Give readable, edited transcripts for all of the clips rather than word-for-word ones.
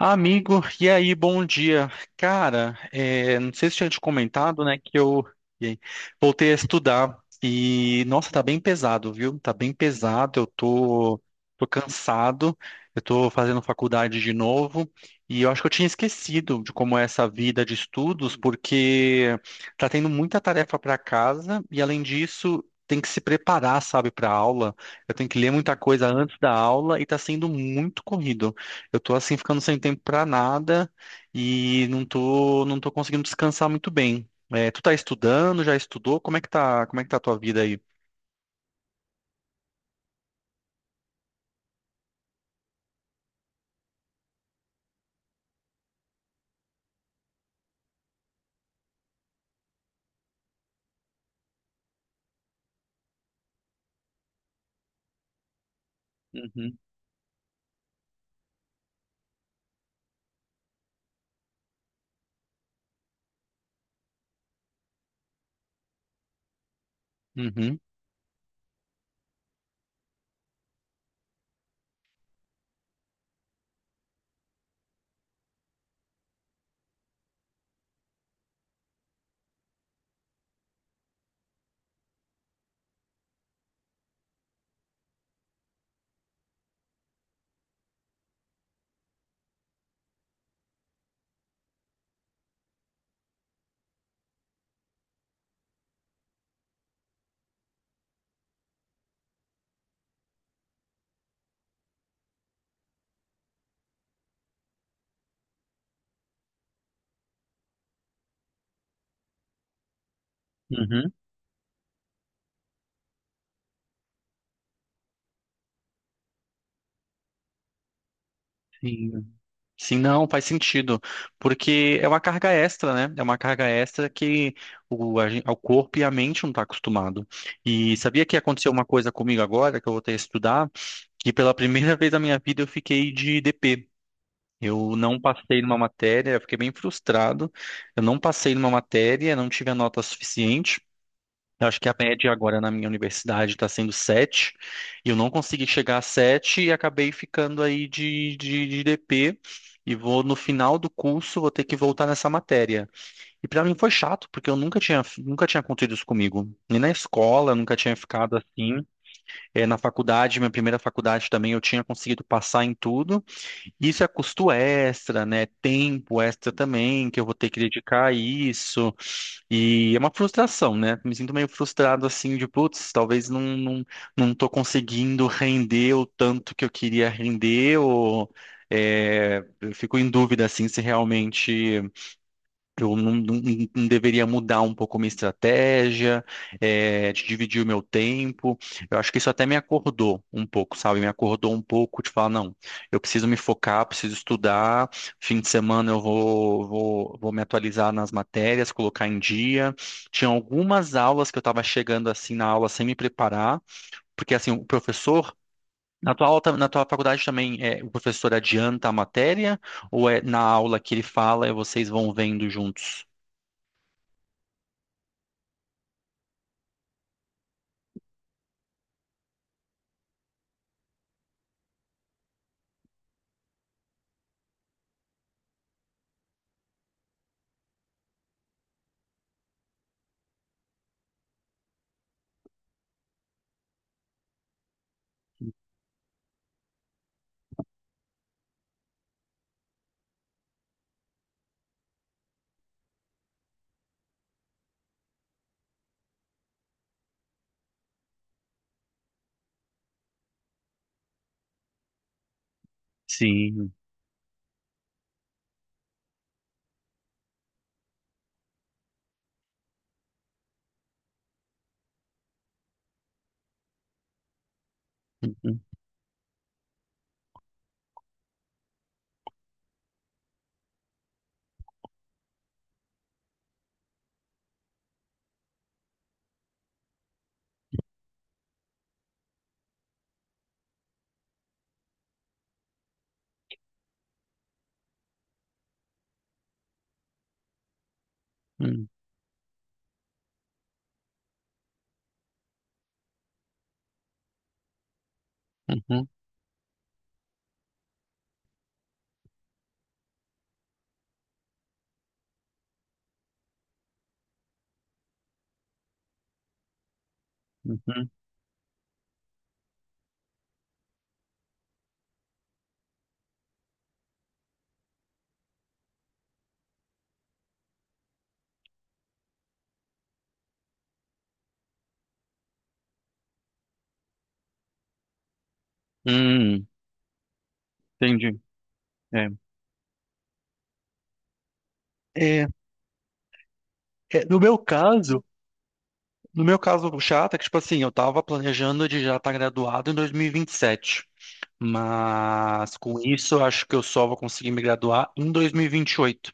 Amigo, e aí, bom dia. Cara, não sei se tinha te comentado, né, que eu e aí, voltei a estudar e, nossa, tá bem pesado, viu? Tá bem pesado, tô cansado, eu tô fazendo faculdade de novo e eu acho que eu tinha esquecido de como é essa vida de estudos, porque tá tendo muita tarefa para casa e, além disso, tem que se preparar, sabe, para aula. Eu tenho que ler muita coisa antes da aula e tá sendo muito corrido. Eu tô assim ficando sem tempo pra nada e não tô conseguindo descansar muito bem. É, tu tá estudando, já estudou? Como é que tá, como é que tá a tua vida aí? Uhum, uhum, uhum. Sim. Sim, não, faz sentido, porque é uma carga extra, né? É uma carga extra que o corpo e a mente não tá acostumado. E sabia que aconteceu uma coisa comigo agora, que eu vou ter que estudar, que pela primeira vez na minha vida eu fiquei de DP. Eu não passei numa matéria, eu fiquei bem frustrado. Eu não passei numa matéria, não tive a nota suficiente. Eu acho que a média agora na minha universidade está sendo 7, e eu não consegui chegar a 7 e acabei ficando aí de DP. E vou no final do curso, vou ter que voltar nessa matéria. E para mim foi chato, porque eu nunca tinha acontecido isso comigo. Nem na escola, eu nunca tinha ficado assim. Na faculdade, minha primeira faculdade também, eu tinha conseguido passar em tudo. Isso é custo extra, né? Tempo extra também, que eu vou ter que dedicar a isso. E é uma frustração, né? Me sinto meio frustrado assim de, putz, talvez não tô conseguindo render o tanto que eu queria render, ou eu fico em dúvida assim se realmente. Eu não, não- não deveria mudar um pouco minha estratégia, de dividir o meu tempo. Eu acho que isso até me acordou um pouco, sabe? Me acordou um pouco de falar, não, eu preciso me focar, preciso estudar. Fim de semana eu vou me atualizar nas matérias, colocar em dia. Tinha algumas aulas que eu estava chegando assim na aula sem me preparar, porque assim, o professor. Na na tua faculdade também o professor adianta a matéria ou é na aula que ele fala e vocês vão vendo juntos? Sim. Uhum, uhum, uhum, uhum. Hum, entendi. É. É, no meu caso, no meu caso chato é que, tipo assim, eu tava planejando de já estar graduado em dois mil e vinte e sete. Mas com isso, eu acho que eu só vou conseguir me graduar em 2028,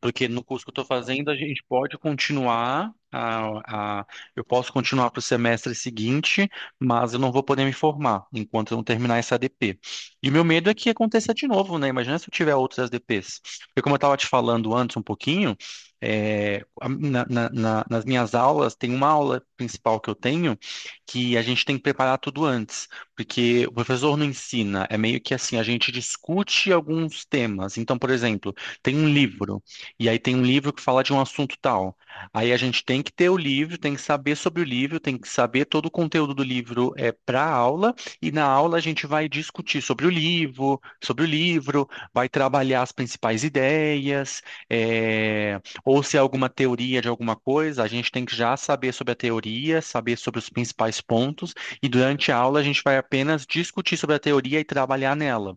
porque no curso que eu estou fazendo, a gente pode continuar, a- eu posso continuar para o semestre seguinte, mas eu não vou poder me formar enquanto eu não terminar essa ADP. E o meu medo é que aconteça de novo, né? Imagina se eu tiver outras ADPs. Porque como eu estava te falando antes um pouquinho, nas minhas aulas, tem uma aula principal que eu tenho que a gente tem que preparar tudo antes. Porque o professor não ensina, é meio que assim, a gente discute alguns temas. Então, por exemplo, tem um livro, e aí tem um livro que fala de um assunto tal. Aí a gente tem que ter o livro, tem que saber sobre o livro, tem que saber todo o conteúdo do livro é para a aula, e na aula a gente vai discutir sobre o livro, vai trabalhar as principais ideias, é, ou se é alguma teoria de alguma coisa, a gente tem que já saber sobre a teoria, saber sobre os principais pontos e durante a aula a gente vai apenas discutir sobre a teoria e trabalhar nela.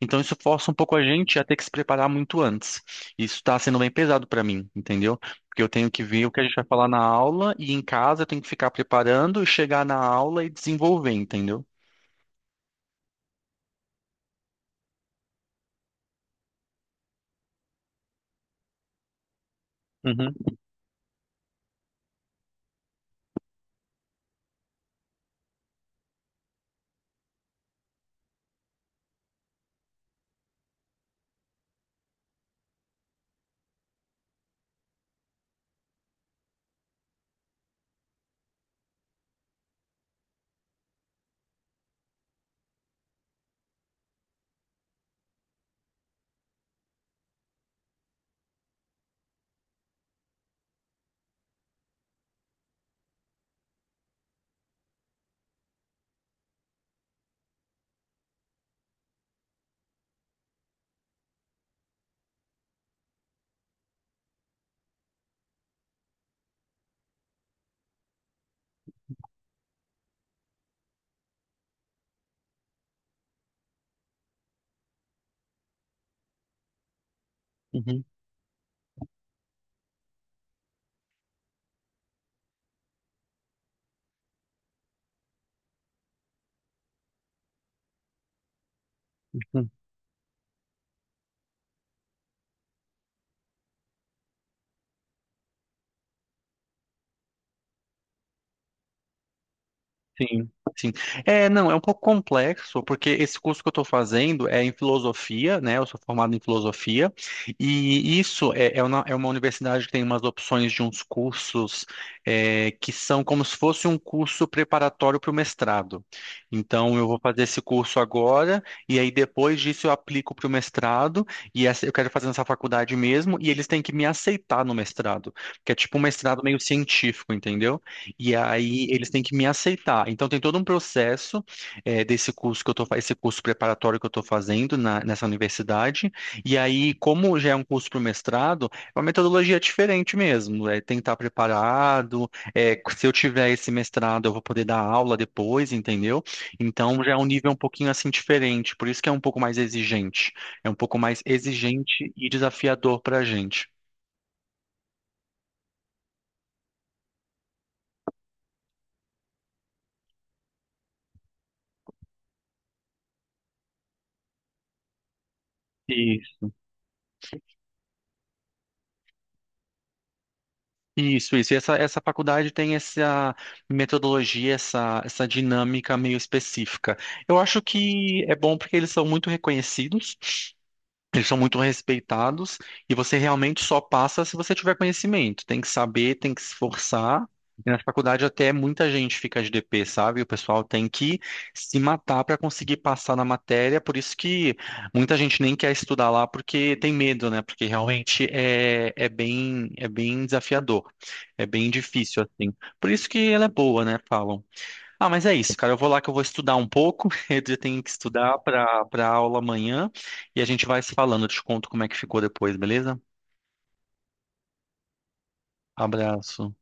Então isso força um pouco a gente a ter que se preparar muito antes. Isso está sendo bem pesado para mim, entendeu? Porque eu tenho que ver o que a gente vai falar na aula e em casa eu tenho que ficar preparando e chegar na aula e desenvolver, entendeu? Uhum, uhum. Sim, sim. É, não, é um pouco complexo, porque esse curso que eu estou fazendo é em filosofia, né? Eu sou formado em filosofia, e isso é uma universidade que tem umas opções de uns cursos que são como se fosse um curso preparatório para o mestrado. Então, eu vou fazer esse curso agora, e aí depois disso eu aplico para o mestrado, e essa, eu quero fazer nessa faculdade mesmo, e eles têm que me aceitar no mestrado, que é tipo um mestrado meio científico, entendeu? E aí eles têm que me aceitar. Então tem todo um processo eh, desse curso que eu tô, fa- esse curso preparatório que eu estou fazendo nessa universidade. E aí, como já é um curso para o mestrado, é uma metodologia diferente mesmo. É tentar preparado. Se eu tiver esse mestrado, eu vou poder dar aula depois, entendeu? Então já é um nível um pouquinho assim diferente. Por isso que é um pouco mais exigente. É um pouco mais exigente e desafiador para a gente. Isso, isso. E essa faculdade tem essa metodologia, essa dinâmica meio específica. Eu acho que é bom porque eles são muito reconhecidos. Eles são muito respeitados e você realmente só passa se você tiver conhecimento. Tem que saber, tem que se esforçar. E na faculdade até muita gente fica de DP, sabe? O pessoal tem que se matar para conseguir passar na matéria. Por isso que muita gente nem quer estudar lá porque tem medo, né? Porque realmente é bem desafiador, é bem difícil assim. Por isso que ela é boa, né? Falam. Ah, mas é isso, cara. Eu vou lá que eu vou estudar um pouco. Eu já tenho que estudar para aula amanhã e a gente vai se falando. Eu te conto como é que ficou depois, beleza? Abraço.